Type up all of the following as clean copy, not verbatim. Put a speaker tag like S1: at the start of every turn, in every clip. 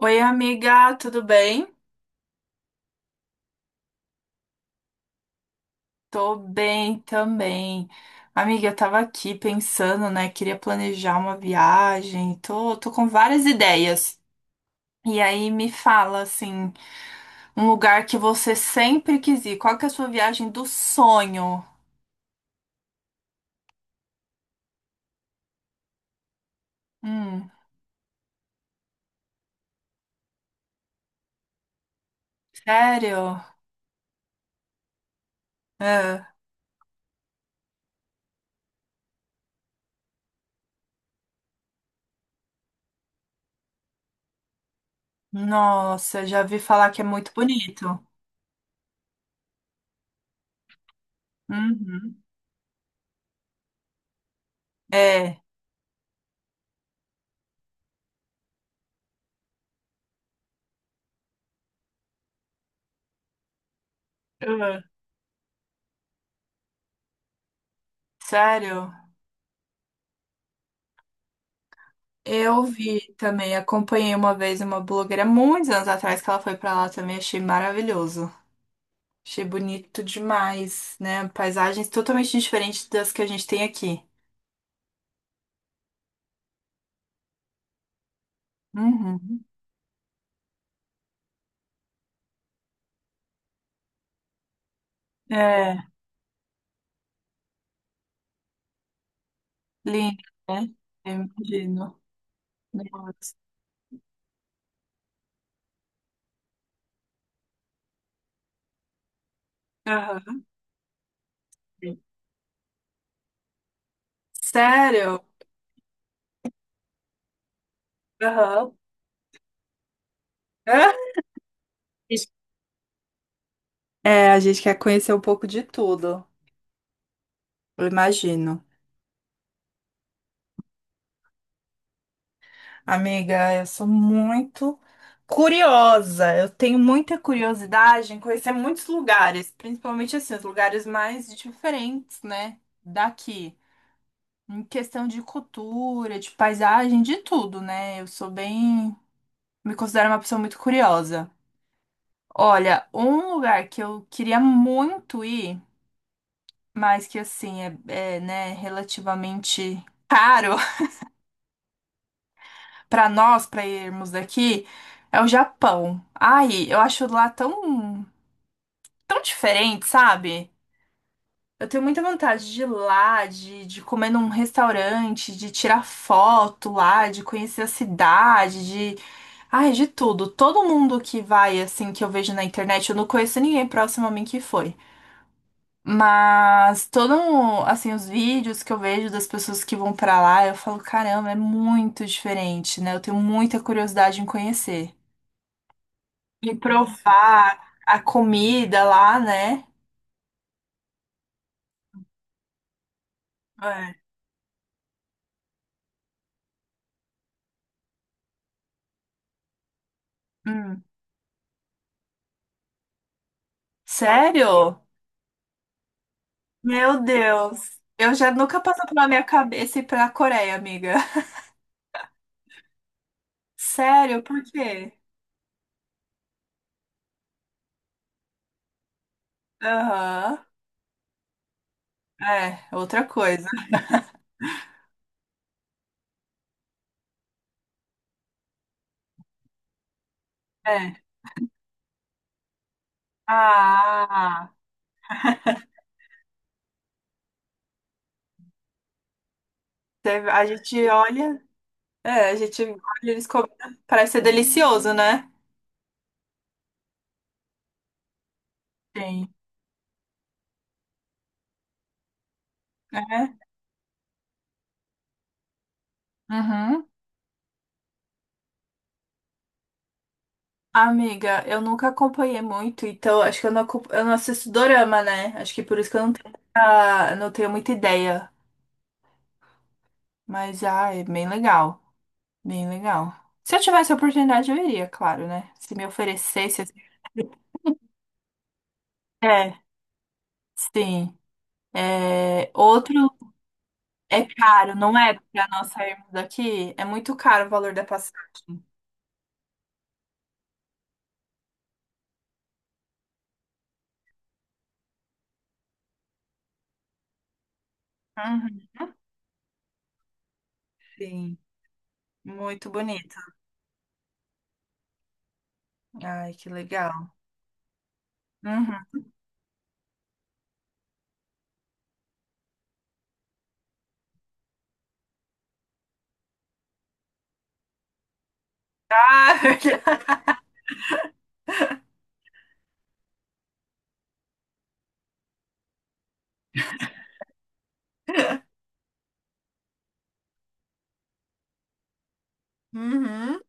S1: Oi, amiga, tudo bem? Tô bem também. Amiga, eu tava aqui pensando, né? Queria planejar uma viagem. Tô com várias ideias. E aí me fala, assim, um lugar que você sempre quis ir. Qual que é a sua viagem do sonho? Hum, sério? É. Nossa, já vi falar que é muito bonito. Uhum. É. Ah. Sério? Eu vi também, acompanhei uma vez uma blogueira muitos anos atrás que ela foi pra lá também, achei maravilhoso. Achei bonito demais, né? Paisagens totalmente diferentes das que a gente tem aqui. Uhum. É, lindo, né? Eu imagino. Nossa. Aham. Sério? Aham. É, a gente quer conhecer um pouco de tudo. Eu imagino. Amiga, eu sou muito curiosa. Eu tenho muita curiosidade em conhecer muitos lugares, principalmente assim, os lugares mais diferentes, né, daqui. Em questão de cultura, de paisagem, de tudo, né? Eu sou bem, me considero uma pessoa muito curiosa. Olha, um lugar que eu queria muito ir, mas que assim é, né, relativamente caro, para nós, para irmos daqui, é o Japão. Ai, eu acho lá tão diferente, sabe? Eu tenho muita vontade de ir lá, de comer num restaurante, de tirar foto lá, de conhecer a cidade, de. Ai, de tudo. Todo mundo que vai, assim, que eu vejo na internet, eu não conheço ninguém próximo a mim que foi. Mas todo, assim, os vídeos que eu vejo das pessoas que vão pra lá, eu falo, caramba, é muito diferente, né? Eu tenho muita curiosidade em conhecer, de provar a comida lá, né? É. Hum. Sério? Meu Deus. Eu já nunca passou pela minha cabeça ir pra Coreia, amiga. Sério, por quê? Aham. É, outra coisa. É. Ah, a gente olha. É, a gente olha eles comendo. Parece ser delicioso, né? Sim. É. Uhum. Amiga, eu nunca acompanhei muito, então acho que eu eu não assisto dorama, né? Acho que por isso que eu não tenho, não tenho muita ideia. Mas, ah, é bem legal. Bem legal. Se eu tivesse a oportunidade, eu iria, claro, né? Se me oferecesse, assim. É, sim. É, outro é caro, não é? Pra nós sairmos daqui, é muito caro o valor da passagem. Uhum, sim. Muito bonito. Ai, que legal. Uhum. Ah, Uhum.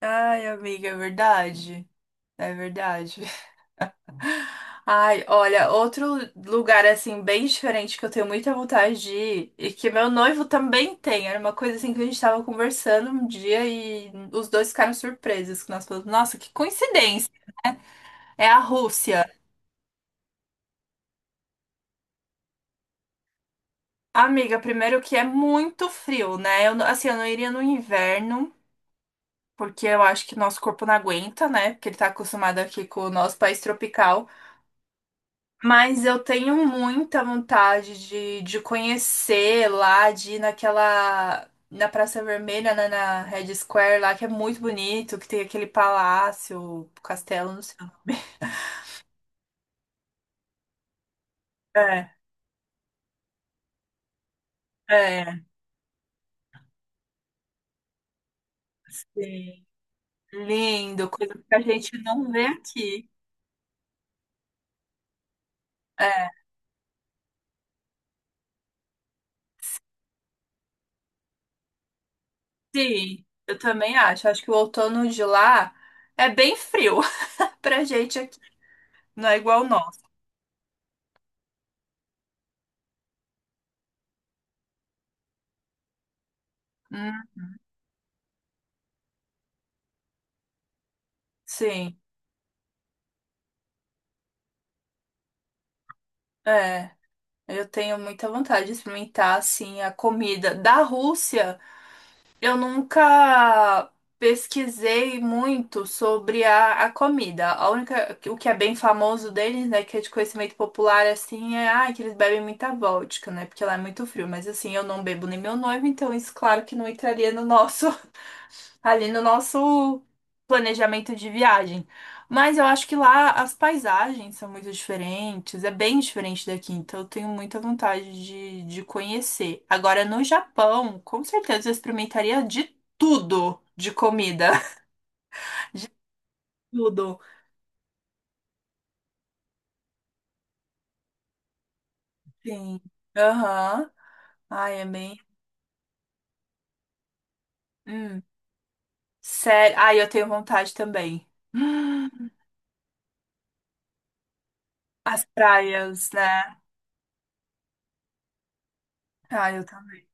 S1: Ai, amiga, é verdade. É verdade. Ai, olha, outro lugar assim bem diferente que eu tenho muita vontade de ir e que meu noivo também tem. Era uma coisa assim que a gente tava conversando um dia e os dois ficaram surpresos que nós falamos, nossa, que coincidência. É a Rússia. Amiga, primeiro que é muito frio, né? Eu, não- assim, eu não iria no inverno, porque eu acho que nosso corpo não aguenta, né? Porque ele tá acostumado aqui com o nosso país tropical. Mas eu tenho muita vontade de conhecer lá, de ir naquela. Na Praça Vermelha, né, na Red Square lá, que é muito bonito, que tem aquele palácio, castelo, não sei. É, é, sim. Lindo, coisa que a gente não vê aqui. É, sim, eu também acho. Acho que o outono de lá é bem frio pra gente aqui. Não é igual o nosso. Hum, sim, é. Eu tenho muita vontade de experimentar, assim, a comida da Rússia. Eu nunca pesquisei muito sobre a comida. A única, o que é bem famoso deles, né, que é de conhecimento popular, assim, é, ah, que eles bebem muita vodka, né, porque lá é muito frio. Mas, assim, eu não bebo nem meu noivo, então isso, claro que não entraria no nosso ali no nosso planejamento de viagem. Mas eu acho que lá as paisagens são muito diferentes, é bem diferente daqui, então eu tenho muita vontade de conhecer. Agora, no Japão, com certeza eu experimentaria de tudo de comida. De tudo. Sim. Aham. Ai, é bem. Hum. Sério. Ai, eu tenho vontade também. Hum. As praias, né? Ai, eu também.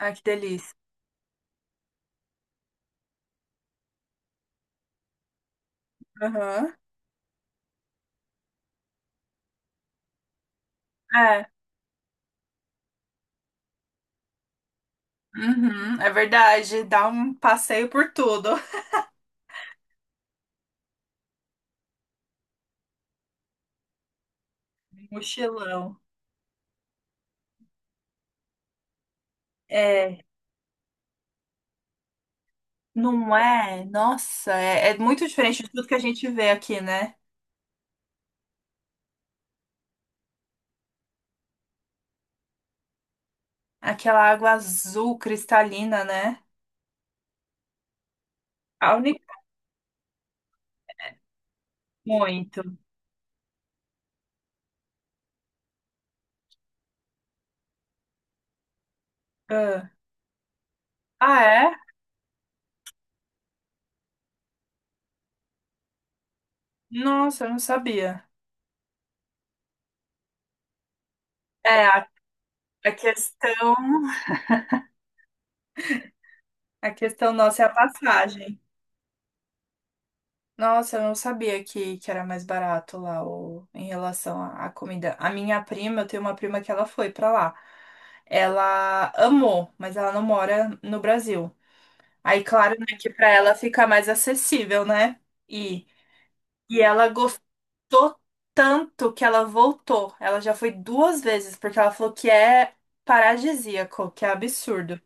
S1: Ai, que delícia. Aham. É. Uhum, é verdade, dá um passeio por tudo. Mochilão. É, não é? Nossa, é muito diferente de tudo que a gente vê aqui, né? Aquela água azul cristalina, né? A única. Muito. Ah. Ah, é? Nossa, eu não sabia. É, a questão, a questão nossa é a passagem. Nossa, eu não sabia que era mais barato lá o, em relação à comida. A minha prima, eu tenho uma prima que ela foi pra lá. Ela amou, mas ela não mora no Brasil. Aí, claro, né, que pra ela fica mais acessível, né? E, e ela gostou tanto que ela voltou. Ela já foi duas vezes, porque ela falou que é paradisíaco, que é absurdo.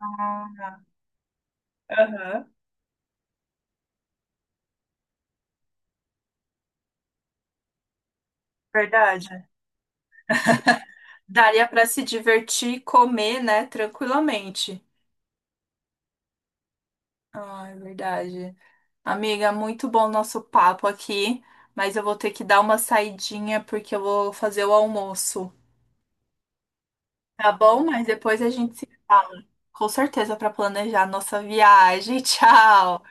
S1: Ah. Aham. Verdade. Daria pra se divertir e comer, né, tranquilamente. Ah, é verdade. Amiga, muito bom o nosso papo aqui, mas eu vou ter que dar uma saidinha porque eu vou fazer o almoço, tá bom? Mas depois a gente se fala, com certeza, para planejar a nossa viagem. Tchau!